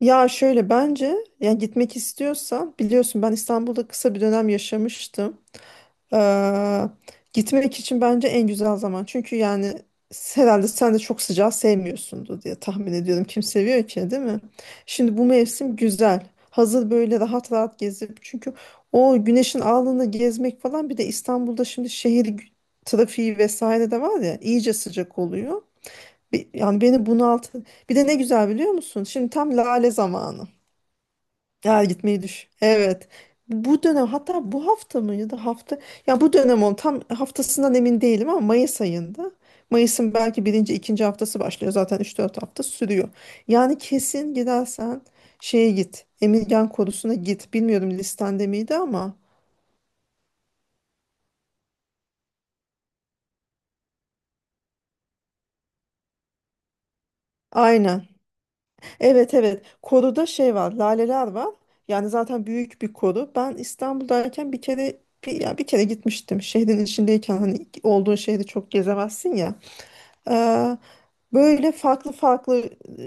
Ya şöyle bence yani gitmek istiyorsa biliyorsun ben İstanbul'da kısa bir dönem yaşamıştım. Ee, Gitmek için bence en güzel zaman. Çünkü yani herhalde sen de çok sıcağı sevmiyorsundur diye tahmin ediyorum. Kim seviyor ki değil mi? Şimdi bu mevsim güzel. Hazır böyle rahat rahat gezip çünkü o güneşin alnını gezmek falan bir de İstanbul'da şimdi trafiği vesaire de var ya iyice sıcak oluyor. Yani beni bunaltı. Bir de ne güzel biliyor musun? Şimdi tam lale zamanı. Ya gitmeyi düş. Evet. Bu dönem hatta bu hafta mı ya da hafta ya bu dönem on tam haftasından emin değilim ama Mayıs ayında Mayıs'ın belki birinci ikinci haftası başlıyor zaten üç dört hafta sürüyor. Yani kesin gidersen şeye git Emirgan Korusu'na git bilmiyorum listende miydi ama aynen evet evet koruda şey var laleler var yani zaten büyük bir koru ben İstanbul'dayken bir kere bir kere gitmiştim şehrin içindeyken hani olduğun şehri çok gezemezsin ya. Böyle farklı farklı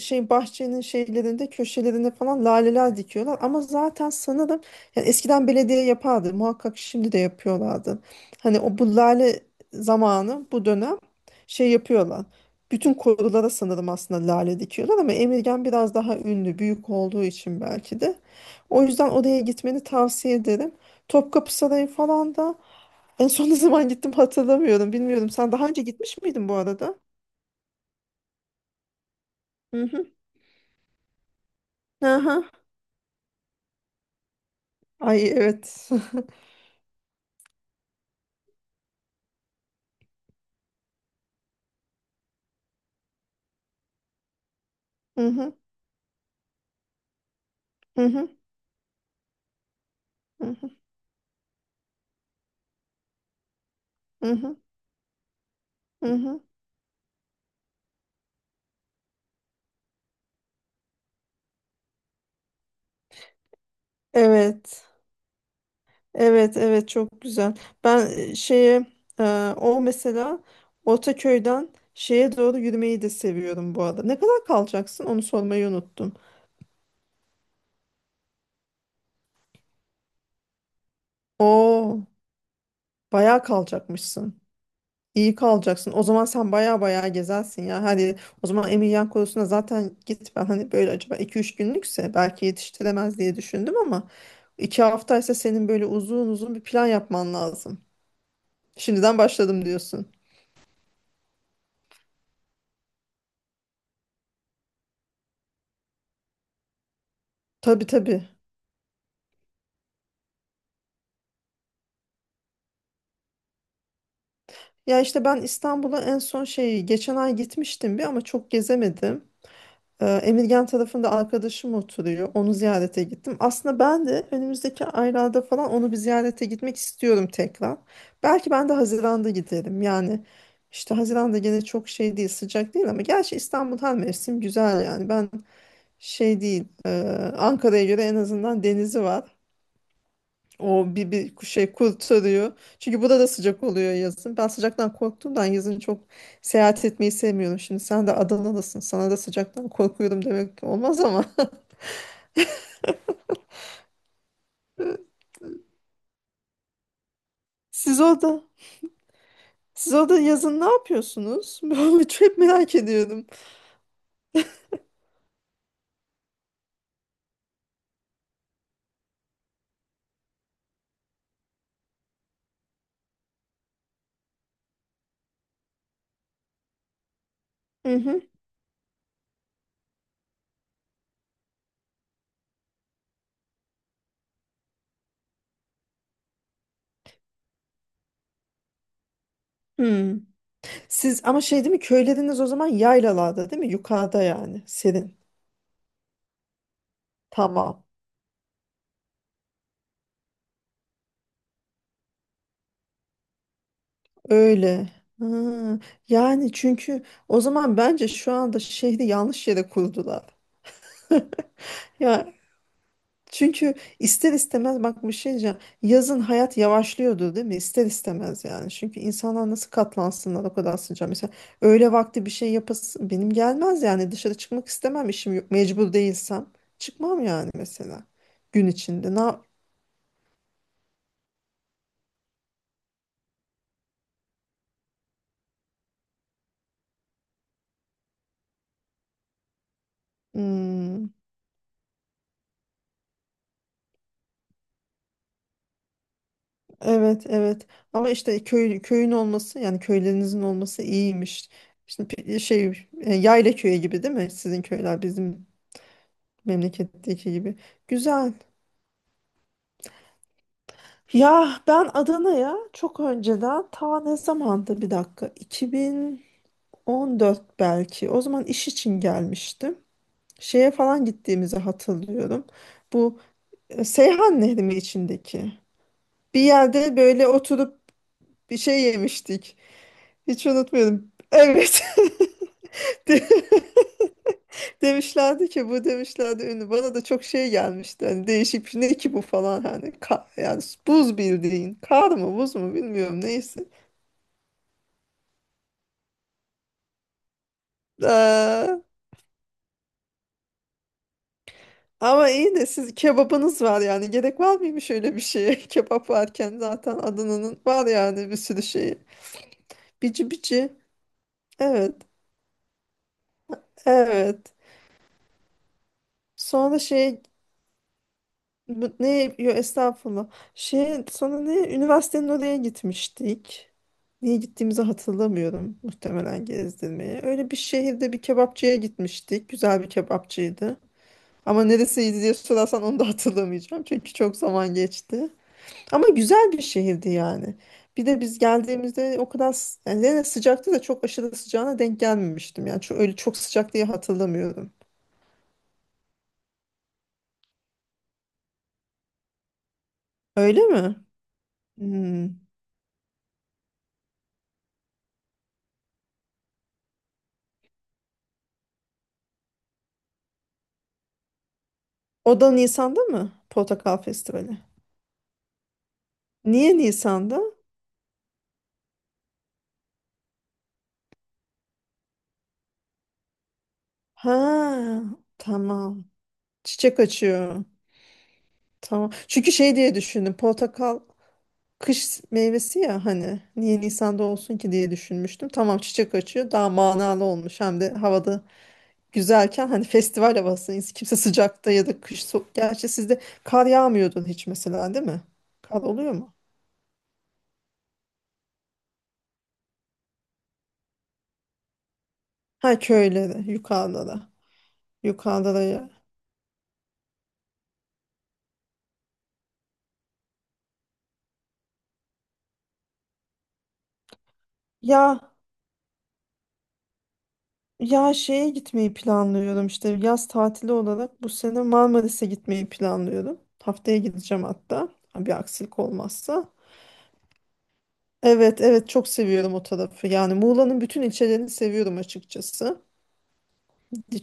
şey bahçenin şeylerinde köşelerinde falan laleler dikiyorlar ama zaten sanırım yani eskiden belediye yapardı muhakkak şimdi de yapıyorlardı. Hani o bu lale zamanı bu dönem şey yapıyorlar. Bütün korulara sanırım aslında lale dikiyorlar ama Emirgan biraz daha ünlü büyük olduğu için belki de. O yüzden oraya gitmeni tavsiye ederim. Topkapı Sarayı falan da en son ne zaman gittim hatırlamıyorum bilmiyorum. Sen daha önce gitmiş miydin bu arada? Hı hı. Aha. Ay evet. Hı hı, hı hı, hı hı, hı hı, hı hı. Evet. Evet, evet çok güzel. Ben şeye e, o mesela Ortaköy'den şeye doğru yürümeyi de seviyorum bu arada. Ne kadar kalacaksın? Onu sormayı unuttum. Oo, bayağı kalacakmışsın. İyi kalacaksın. O zaman sen baya baya gezersin ya. Hadi o zaman Emilianko'suna zaten git. Ben hani böyle acaba iki üç günlükse belki yetiştiremez diye düşündüm ama 2 haftaysa senin böyle uzun uzun bir plan yapman lazım. Şimdiden başladım diyorsun. Tabii tabii. Ya işte ben İstanbul'a en son şey geçen ay gitmiştim bir ama çok gezemedim. Emirgan tarafında arkadaşım oturuyor. Onu ziyarete gittim. Aslında ben de önümüzdeki aylarda falan onu bir ziyarete gitmek istiyorum tekrar. Belki ben de Haziran'da giderim. Yani işte Haziran'da gene çok şey değil, sıcak değil ama gerçi İstanbul her mevsim güzel yani. Ben şey değil, e, Ankara'ya göre en azından denizi var. O bir şey kurtarıyor. Çünkü burada da sıcak oluyor yazın. Ben sıcaktan korktuğumdan yazın çok seyahat etmeyi sevmiyorum. Şimdi sen de Adana'dasın. Sana da sıcaktan korkuyorum demek olmaz ama. Siz orada, siz orada yazın ne yapıyorsunuz? Ben çok merak ediyorum. Hı hı. Hmm. Siz ama şey değil mi köyleriniz o zaman yaylalarda değil mi? Yukarıda yani serin. Tamam. Öyle. Ha, yani çünkü o zaman bence şu anda şehri yanlış yere kurdular. Ya. Çünkü ister istemez bak bir şey diyeceğim. Yazın hayat yavaşlıyordu değil mi? İster istemez yani. Çünkü insanlar nasıl katlansınlar o kadar sıcağa. Mesela öğle vakti bir şey yapasın benim gelmez yani. Dışarı çıkmak istemem işim yok. Mecbur değilsem çıkmam yani mesela gün içinde. Hmm, evet evet. Ama işte köyün olması yani köylerinizin olması iyiymiş. Şimdi yayla köyü gibi değil mi? Sizin köyler bizim memleketteki gibi. Güzel. Ya ben Adana'ya çok önceden ta ne zamandı bir dakika 2014 belki o zaman iş için gelmiştim. Şeye falan gittiğimizi hatırlıyorum. Bu Seyhan Nehri mi içindeki? Bir yerde böyle oturup bir şey yemiştik. Hiç unutmuyorum. Evet. De- Demişlerdi ki bu demişlerdi ünlü. Bana da çok şey gelmişti. Hani değişik bir şey. Ne ki bu falan hani yani buz bildiğin. Kar mı buz mu bilmiyorum neyse. Ama iyi de siz kebabınız var yani. Gerek var mıymış öyle bir şeye? Kebap varken zaten Adana'nın var yani bir sürü şeyi. Bici bici. Evet. Evet. Sonra şey bu- ne yo estağfurullah. Şey sonra ne üniversitenin oraya gitmiştik. Niye gittiğimizi hatırlamıyorum. Muhtemelen gezdirmeye. Öyle bir şehirde bir kebapçıya gitmiştik. Güzel bir kebapçıydı. Ama neresiydi diye sorarsan onu da hatırlamayacağım. Çünkü çok zaman geçti. Ama güzel bir şehirdi yani. Bir de biz geldiğimizde o kadar yani yine sıcaktı da çok aşırı sıcağına denk gelmemiştim. Yani öyle çok sıcak diye hatırlamıyorum. Öyle mi? Hmm. O da Nisan'da mı? Portakal Festivali. Niye Nisan'da? Ha, tamam. Çiçek açıyor. Tamam. Çünkü şey diye düşündüm. Portakal kış meyvesi ya hani niye Nisan'da olsun ki diye düşünmüştüm. Tamam çiçek açıyor. Daha manalı olmuş. Hem de havada güzelken hani festival havası kimse sıcakta ya da gerçi sizde kar yağmıyordun hiç mesela değil mi? Kar oluyor mu? Ha köylere yukarıda da yukarıda da ya. Ya ya şeye gitmeyi planlıyorum işte yaz tatili olarak bu sene Marmaris'e gitmeyi planlıyorum. Haftaya gideceğim hatta ha, bir aksilik olmazsa. Evet evet çok seviyorum o tarafı yani Muğla'nın bütün ilçelerini seviyorum açıkçası.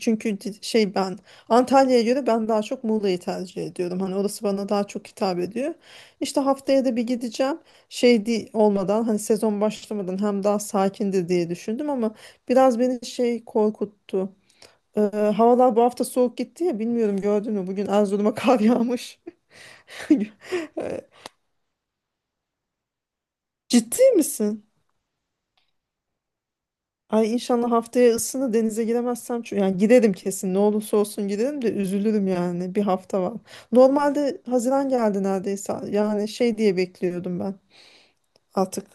Çünkü ben Antalya'ya göre ben daha çok Muğla'yı tercih ediyorum. Hani orası bana daha çok hitap ediyor. İşte haftaya da bir gideceğim. Olmadan hani sezon başlamadan hem daha sakindir diye düşündüm ama biraz beni şey korkuttu. Ee, Havalar bu hafta soğuk gitti ya bilmiyorum gördün mü? Bugün Erzurum'a kar yağmış. Ee, Ciddi misin? Ay inşallah haftaya ısını denize giremezsem çünkü yani giderim kesin ne olursa olsun giderim de üzülürüm yani bir hafta var. Normalde Haziran geldi neredeyse yani şey diye bekliyordum ben artık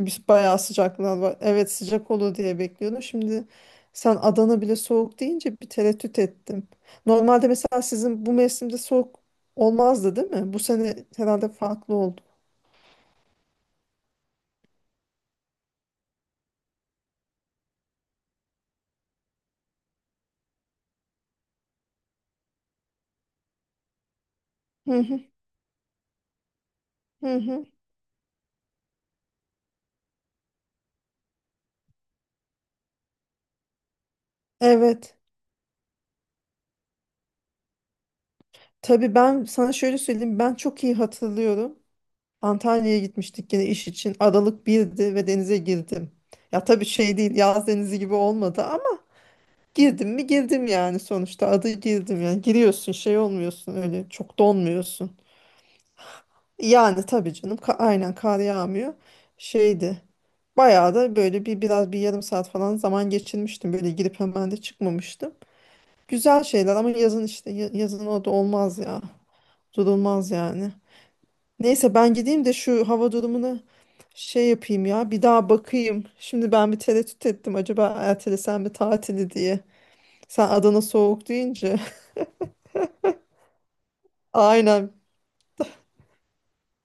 bayağı sıcaklar var evet sıcak olur diye bekliyordum. Şimdi sen Adana bile soğuk deyince bir tereddüt ettim. Normalde mesela sizin bu mevsimde soğuk olmazdı değil mi? Bu sene herhalde farklı oldu. Hı hı hı. Hı. Evet. Tabii ben sana şöyle söyleyeyim ben çok iyi hatırlıyorum. Antalya'ya gitmiştik yine iş için. Aralık birdi ve denize girdim. Ya tabii şey değil yaz denizi gibi olmadı ama girdim mi girdim yani sonuçta adı girdim yani giriyorsun şey olmuyorsun öyle çok donmuyorsun. Yani tabii canım aynen kar yağmıyor şeydi bayağı da böyle biraz bir yarım saat falan zaman geçirmiştim böyle girip hemen de çıkmamıştım. Güzel şeyler ama yazın işte yazın orada olmaz ya durulmaz yani. Neyse ben gideyim de şu hava durumuna şey yapayım ya. Bir daha bakayım. Şimdi ben bir tereddüt ettim. Acaba ertelesem mi tatili diye. Sen Adana soğuk deyince. Aynen.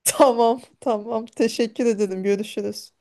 Tamam, tamam. Teşekkür ederim. Görüşürüz.